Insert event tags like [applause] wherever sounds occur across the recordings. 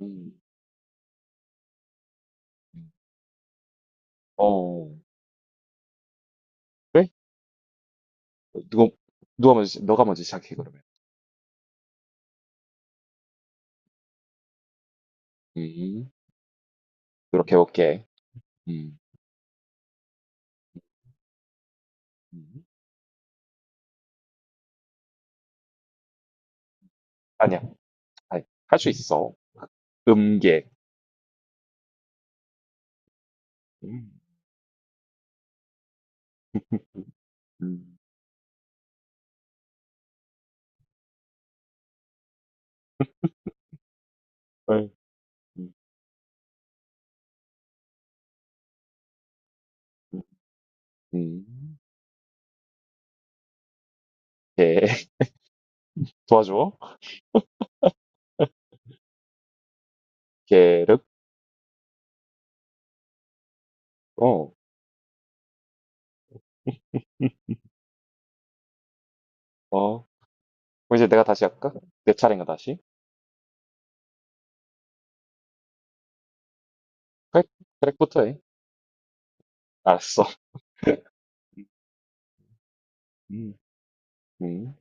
음. 어. 그래? 누가 누가 먼저 너가 먼저 시작해 그러면. 음. 그렇게 해볼게. 음. 음. 아니야. 아니, 할수 있어. 음계. 음. 음. 음. 음. 음. 음. 개. [laughs] 도와줘. 계륵. 어. 어. 그럼 이제 내가 다시 할까? 내 차례인가 다시? 그래. 트랙부터 해. 알았어. 음. 음.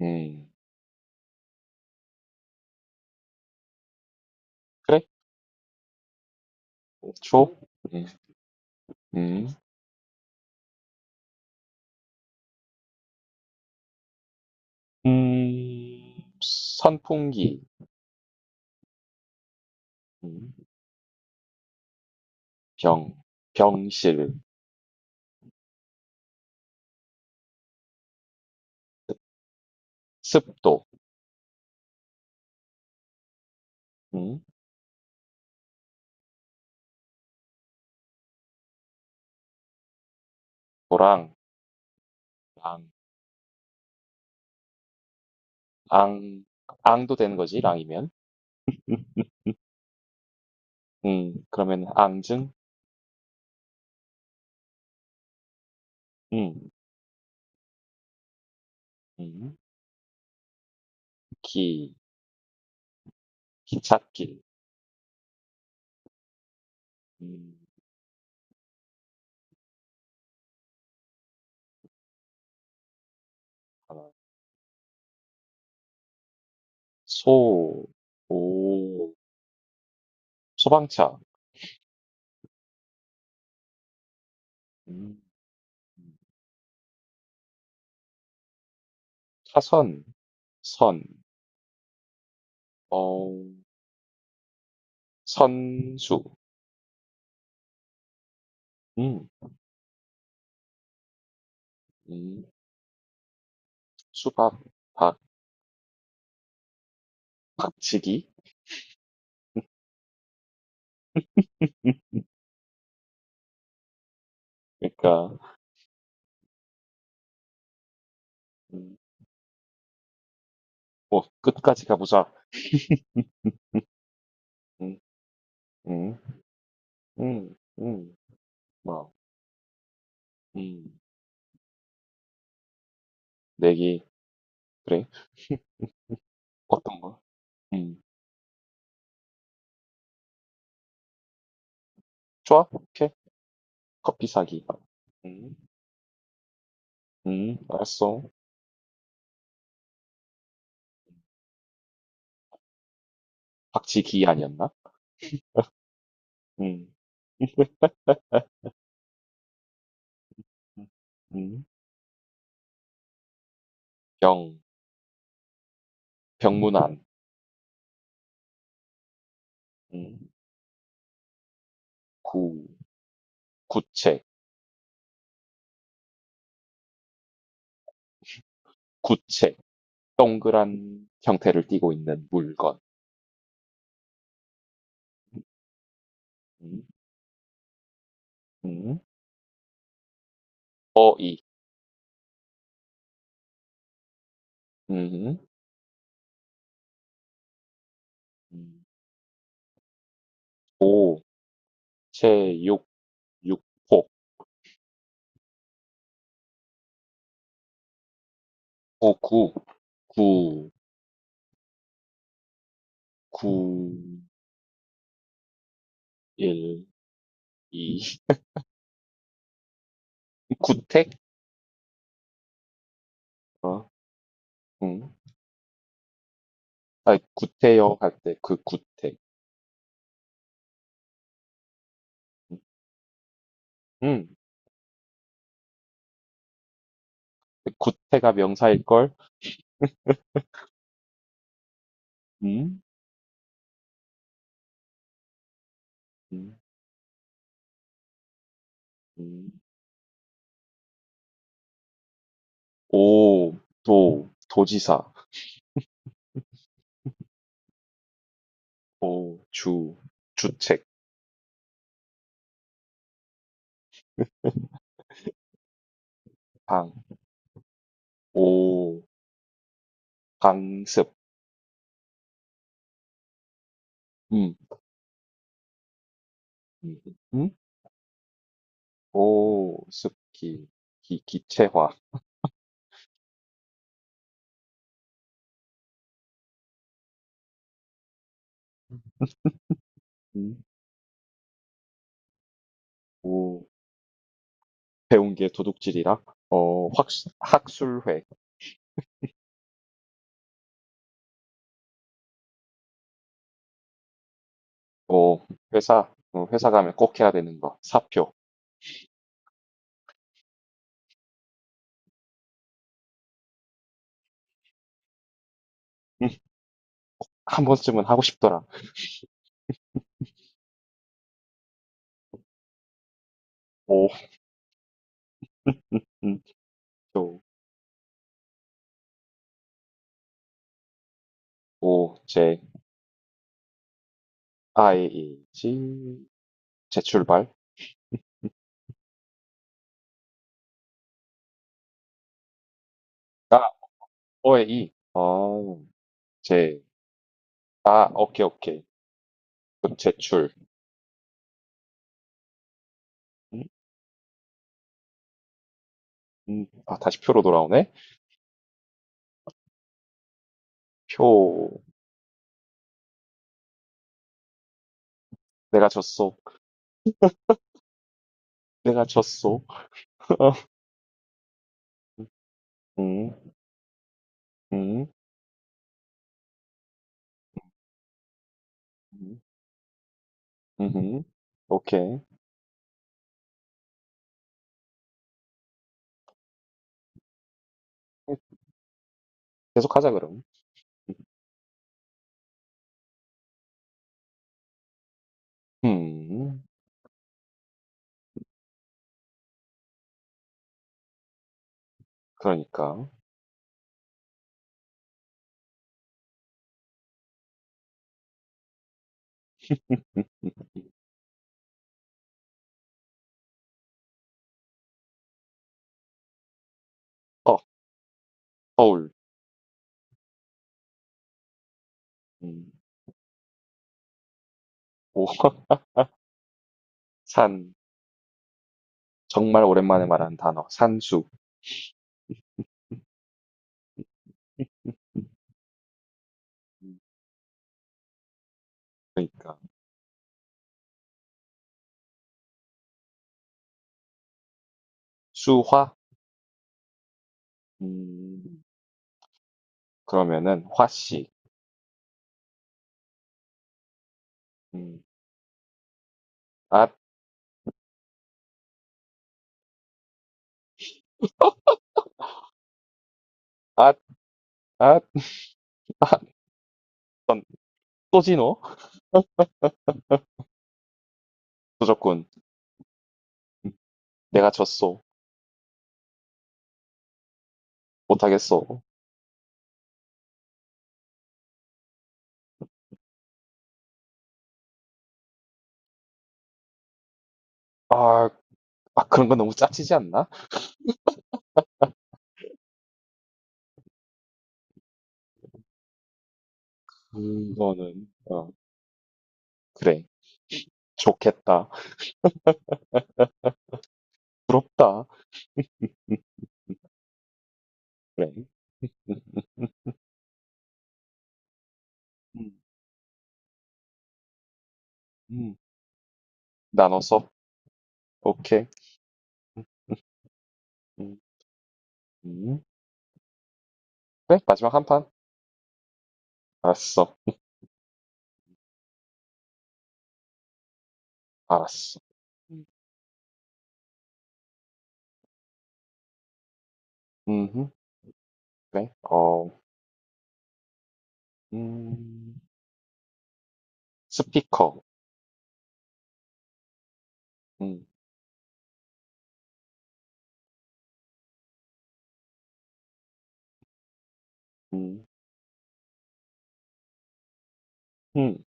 음. 그래. 오 초. 음. 음. 음. 선풍기. 음. 병, 병실, 습도, 음, 도랑, 랑, 앙, 앙도 되는 거지, 랑이면. 그러면 앙증, 음, 음, 기, 기찻길, 음, 하나, 소, 오, 소방차, 음, 차선, 선, 어, 선수, 음, 음, 수박, 박, 박치기. [laughs] 그러니까, 음, 뭐, 끝까지 가보자. [laughs] 음, 음. 음. 음. 막. 음. 내기. 그래. 어떤 거? 음. 좋아. 오케이. 커피 사기. 음. 음. 알았어. 박치기 아니었나? 음. 에? 음. 병. 병문안. 음. 구. 구체. 구체. 동그란 형태를 띠고 있는 물건. 음. 음. 어이. 음. 음. 오. 체육. 육폭. 구구. 구. 구. 구, 일. 이. 구택? 어, 음. 아, 구태여 할 때 그 구택. 음. 구태가 명사일걸? 음. 음. 음. 오, 도, 도지사. 오, 주, 주책. 방, 오, 강습. 음. 음. 음? 오, 습기, 기, 기체화. 음. 오, 배운 게 도둑질이라. 어, 확, 학술회. 어, 회사, 어, 회사 가면 꼭 해야 되는 거. 사표. 음, 한 번쯤은 하고 싶더라. 오. [laughs] 조, 오, 제, 아이, 이, 지, 제출발. 아, 오에, 이. 아, 제, 아, 오케이, 오케이. 그럼 제출. 음, 아, 다시 표로 돌아오네. 표, 내가 졌어. 내가 졌어. [laughs] 음, 음, 음, 음, 오케이. 계속 하자, 그럼. 음, 그러니까. 음, 어, 서울. 음, 오, [laughs] 산. 정말 오랜만에 말하는 단어. 산수. [laughs] 음, 그러니까. 수화? 음, 그러면은 화씨. 음, 앗, 앗, 앗. 넌 소진호? 조졌군. 내가 졌소. 못하겠소. 아, 아, 그런 건 너무 짜치지 않나? 너는, 어, 그래. 좋겠다. 부럽다. 음, 그래. 음, 음, 음. 나눠서. 오케이. 음, 음, 음. 그래, 마지막 한 판. 알았어. 알았어. 음, 음, 그래. 어, 음, 스피커. 음, 음, 음.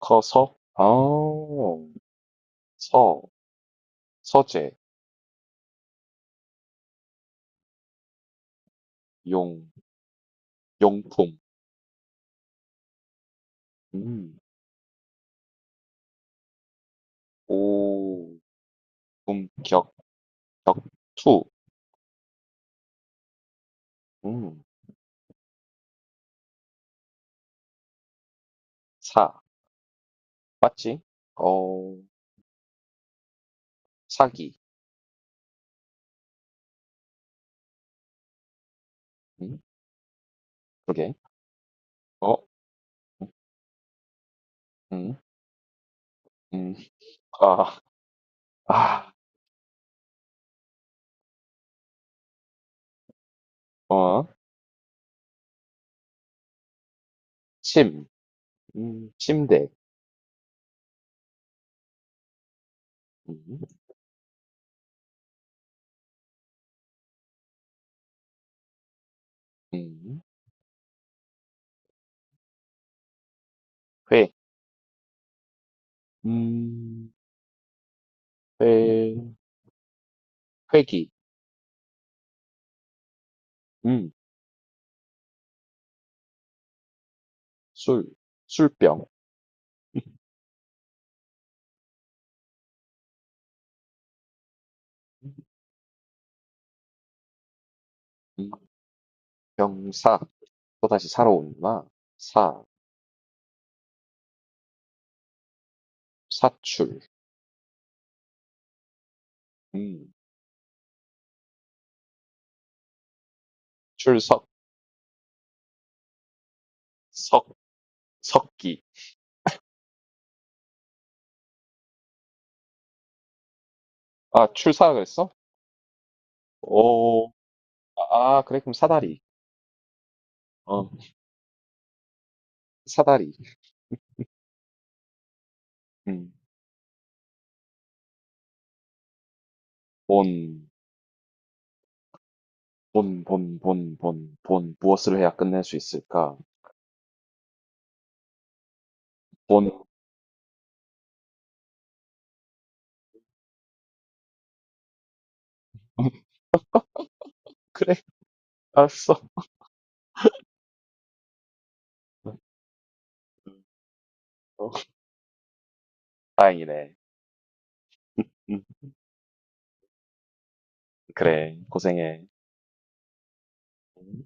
커서, 아, 서, 서재, 용, 용품, 음, 오, 품격, 격, 투, 음, 사, 맞지? 어, 사기, 음, 그게 어, 음, 음, 음, 아, 아, 어, 침, 침대, 음, 음, 회, 음, 회, 회기, 음, 술, 술병, 음, 병사, 또다시 사러 온다. 사, 사출, 음, 출석, 석, 석기. 아, 출사 그랬어? 오, 아, 아, 그래, 그럼 사다리. 어, 사다리. 음, 본, 본, 본, 본, 본, 본, 무엇을 해야 끝낼 수 있을까? 본. [laughs] 그래, 알았어. 어, 다행이네. 음, 그래, 고생해. 음.